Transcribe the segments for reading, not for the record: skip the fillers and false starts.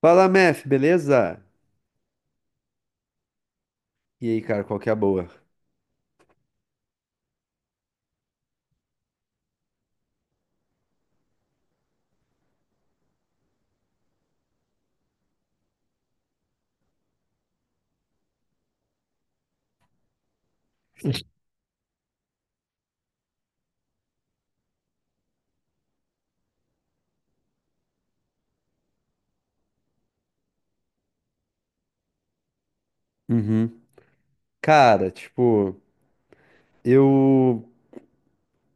Fala, Mef, beleza? E aí, cara, qual que é a boa? Uhum. Cara, tipo, eu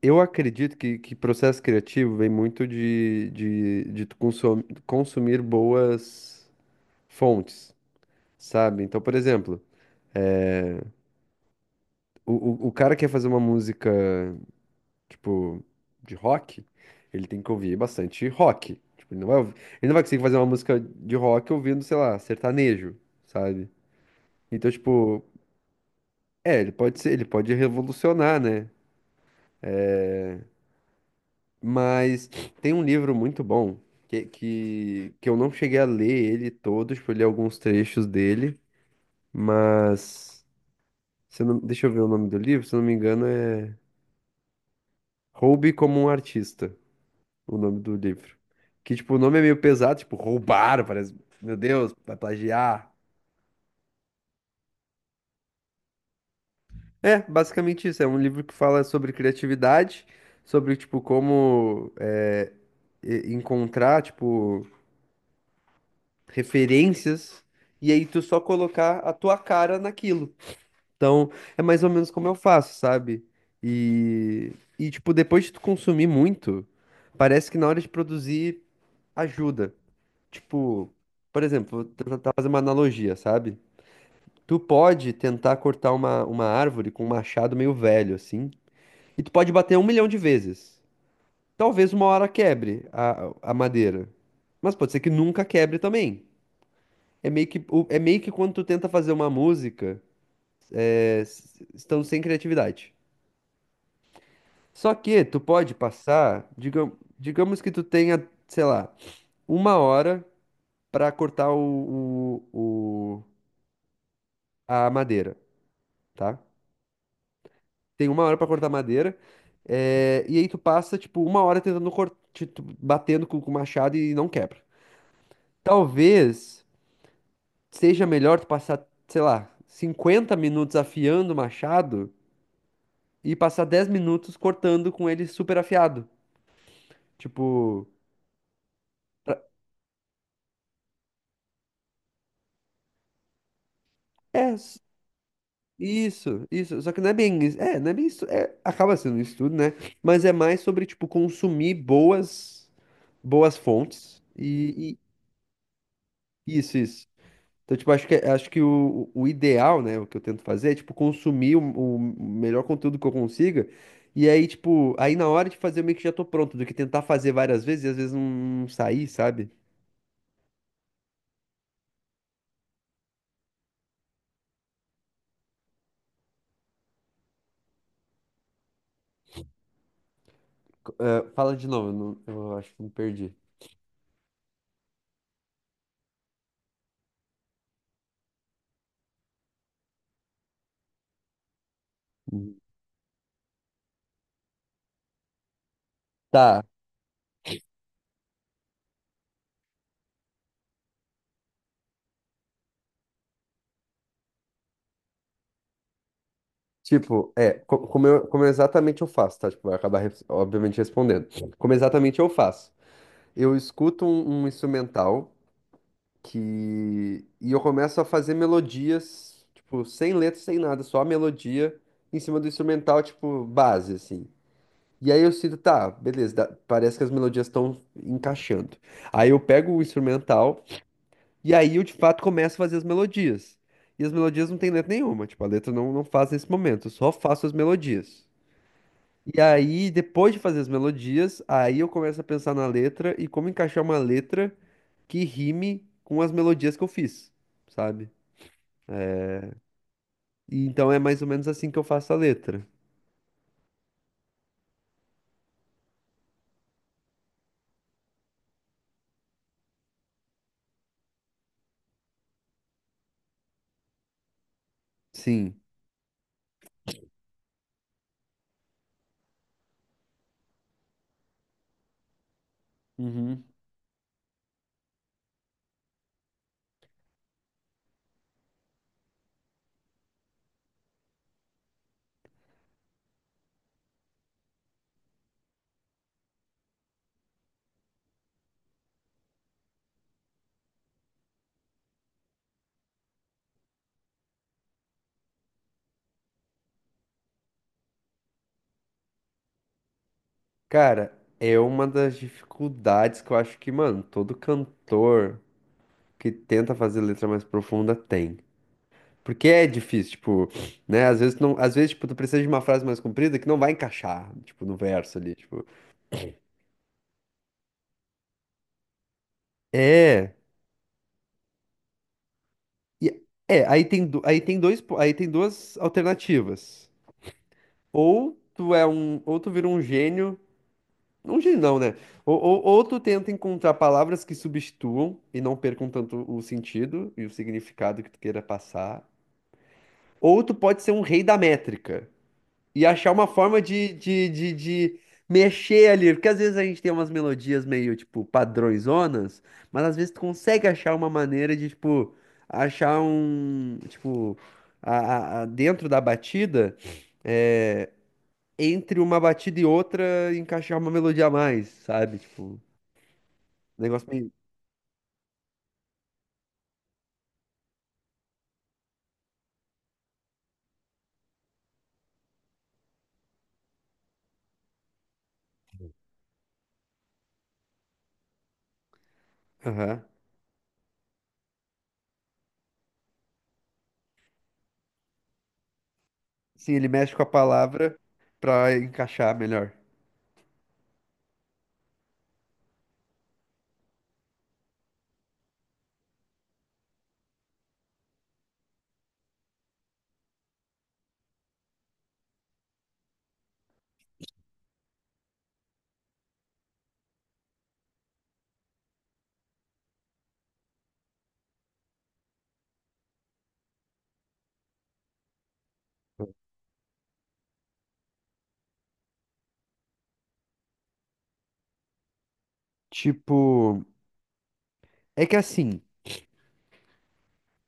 eu acredito que processo criativo vem muito de tu consumir boas fontes, sabe? Então, por exemplo, o, o cara quer fazer uma música, tipo, de rock, ele tem que ouvir bastante rock. Tipo, ele não vai conseguir fazer uma música de rock ouvindo, sei lá, sertanejo, sabe? Então, tipo. É, ele pode ser, ele pode revolucionar, né? Mas tem um livro muito bom que eu não cheguei a ler ele todo, tipo, eu li alguns trechos dele, mas se eu não, deixa eu ver o nome do livro, se eu não me engano é Roube como um artista, o nome do livro. Que tipo, o nome é meio pesado, tipo, roubar, parece, meu Deus, vai plagiar. É, basicamente isso, é um livro que fala sobre criatividade, sobre tipo como é, encontrar, tipo, referências, e aí tu só colocar a tua cara naquilo. Então, é mais ou menos como eu faço, sabe? E, e tipo, depois de tu consumir muito, parece que na hora de produzir ajuda. Tipo, por exemplo, vou tentar fazer uma analogia, sabe? Tu pode tentar cortar uma árvore com um machado meio velho, assim, e tu pode bater 1 milhão de vezes. Talvez uma hora quebre a madeira. Mas pode ser que nunca quebre também. É meio que, é meio que quando tu tenta fazer uma música, é, estando sem criatividade. Só que tu pode passar, digamos que tu tenha, sei lá, uma hora pra cortar a madeira, tá? Tem uma hora pra cortar a madeira, é, e aí tu passa, tipo, uma hora tentando cortar, batendo com o machado e não quebra. Talvez seja melhor tu passar, sei lá, 50 minutos afiando o machado e passar 10 minutos cortando com ele super afiado. Tipo, pra- é s- isso, isso. Só que não é bem isso. É, não é bem isso. É, acaba sendo isso tudo, né? Mas é mais sobre, tipo, consumir boas, boas fontes e, isso, isso. Então, tipo, acho que o ideal, né, o que eu tento fazer é, tipo, consumir o melhor conteúdo que eu consiga. E aí, tipo, aí na hora de fazer, eu meio que já tô pronto, do que tentar fazer várias vezes e às vezes não sair, sabe? Fala de novo, eu, não- eu acho que me perdi. Tá. Tipo, é, como eu exatamente eu faço, tá? Tipo, obviamente, respondendo. Como exatamente eu faço. Eu escuto um instrumental que... E eu começo a fazer melodias, tipo, sem letra, sem nada, só a melodia em cima do instrumental, tipo, base, assim. E aí eu sinto, tá, beleza, parece que as melodias estão encaixando. Aí eu pego o instrumental. E aí eu de fato começo a fazer as melodias. E as melodias não tem letra nenhuma, tipo, a letra não, não faz nesse momento, eu só faço as melodias. E aí, depois de fazer as melodias, aí eu começo a pensar na letra e como encaixar uma letra que rime com as melodias que eu fiz, sabe? E então é mais ou menos assim que eu faço a letra. Sim. Uhum. Cara, é uma das dificuldades que eu acho que, mano, todo cantor que tenta fazer letra mais profunda tem. Porque é difícil, tipo, né? Às vezes, não, às vezes, tipo, tu precisa de uma frase mais comprida que não vai encaixar, tipo, no verso ali, tipo. É, e- aí tem, aí tem duas alternativas. Ou tu vira um gênio não, né? Ou tu tenta encontrar palavras que substituam e não percam tanto o sentido e o significado que tu queira passar. Ou tu pode ser um rei da métrica. E achar uma forma de mexer ali. Porque às vezes a gente tem umas melodias meio, tipo, padrõezonas, mas às vezes tu consegue achar uma maneira de, tipo, achar um, tipo, dentro da batida, é, entre uma batida e outra, encaixar uma melodia a mais, sabe? Tipo, um negócio meio. Aham. Sim, ele mexe com a palavra pra encaixar melhor. Tipo, é que assim.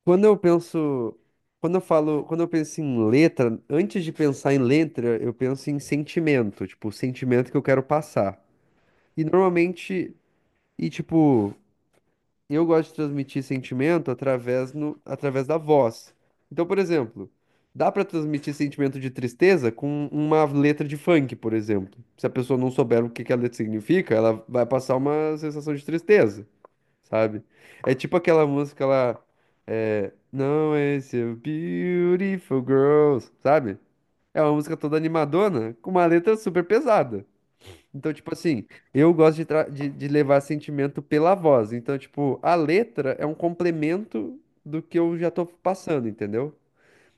Quando eu penso, quando eu falo, quando eu penso em letra, antes de pensar em letra, eu penso em sentimento, tipo, o sentimento que eu quero passar. E normalmente, e tipo, eu gosto de transmitir sentimento através no, através da voz. Então, por exemplo, dá pra transmitir sentimento de tristeza com uma letra de funk, por exemplo. Se a pessoa não souber o que que a letra significa, ela vai passar uma sensação de tristeza sabe? É tipo aquela música lá, é, Não é seu beautiful girls, sabe? É uma música toda animadona, com uma letra super pesada. Então, tipo assim, eu gosto de, de levar sentimento pela voz. Então, tipo, a letra é um complemento do que eu já tô passando, entendeu?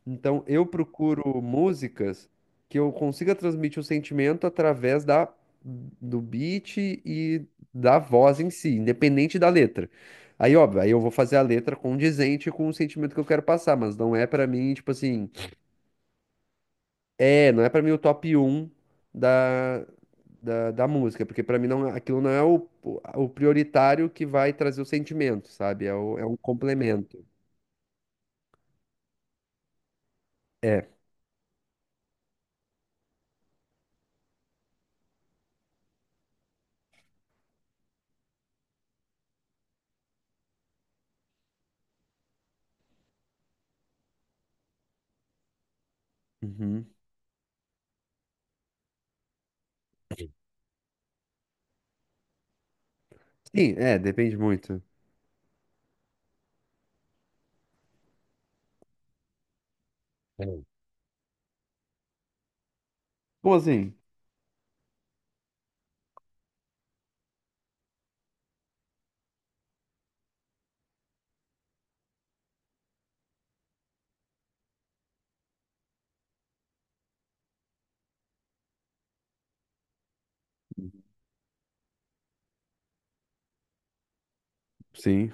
Então, eu procuro músicas que eu consiga transmitir o sentimento através da, do beat e da voz em si, independente da letra. Aí, óbvio, aí eu vou fazer a letra condizente com o sentimento que eu quero passar, mas não é pra mim, tipo assim, é, não é pra mim o top um da, da música, porque pra mim não, aquilo não é o prioritário que vai trazer o sentimento, sabe? É, é um complemento. É. Uhum. Sim, é, depende muito. É. Como assim? Sim,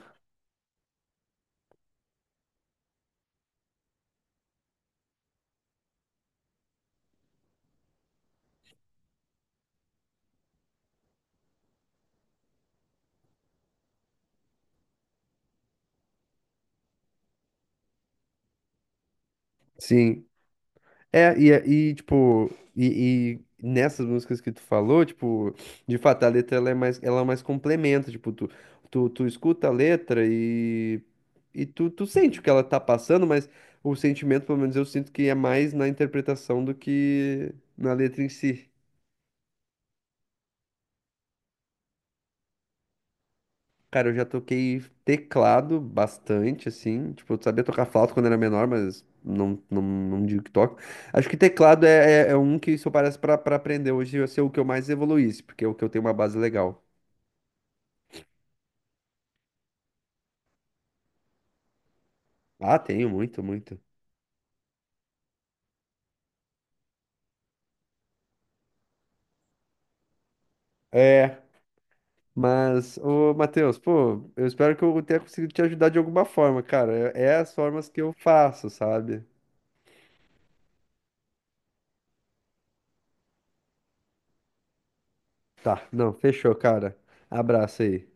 sim. É, e tipo, e nessas músicas que tu falou, tipo, de fato a letra ela é mais complementa, tipo, tu escuta a letra e, tu sente o que ela tá passando, mas o sentimento, pelo menos eu sinto que é mais na interpretação do que na letra em si. Cara, eu já toquei teclado bastante, assim. Tipo, eu sabia tocar flauta quando era menor, mas não digo que toco. Acho que teclado é um que, se eu parece, pra aprender hoje, ia ser o que eu mais evoluísse, porque é o que eu tenho uma base legal. Ah, tenho, muito, muito. É. Mas, ô, Matheus, pô, eu espero que eu tenha conseguido te ajudar de alguma forma, cara. É, é as formas que eu faço, sabe? Tá, não, fechou, cara. Abraço aí.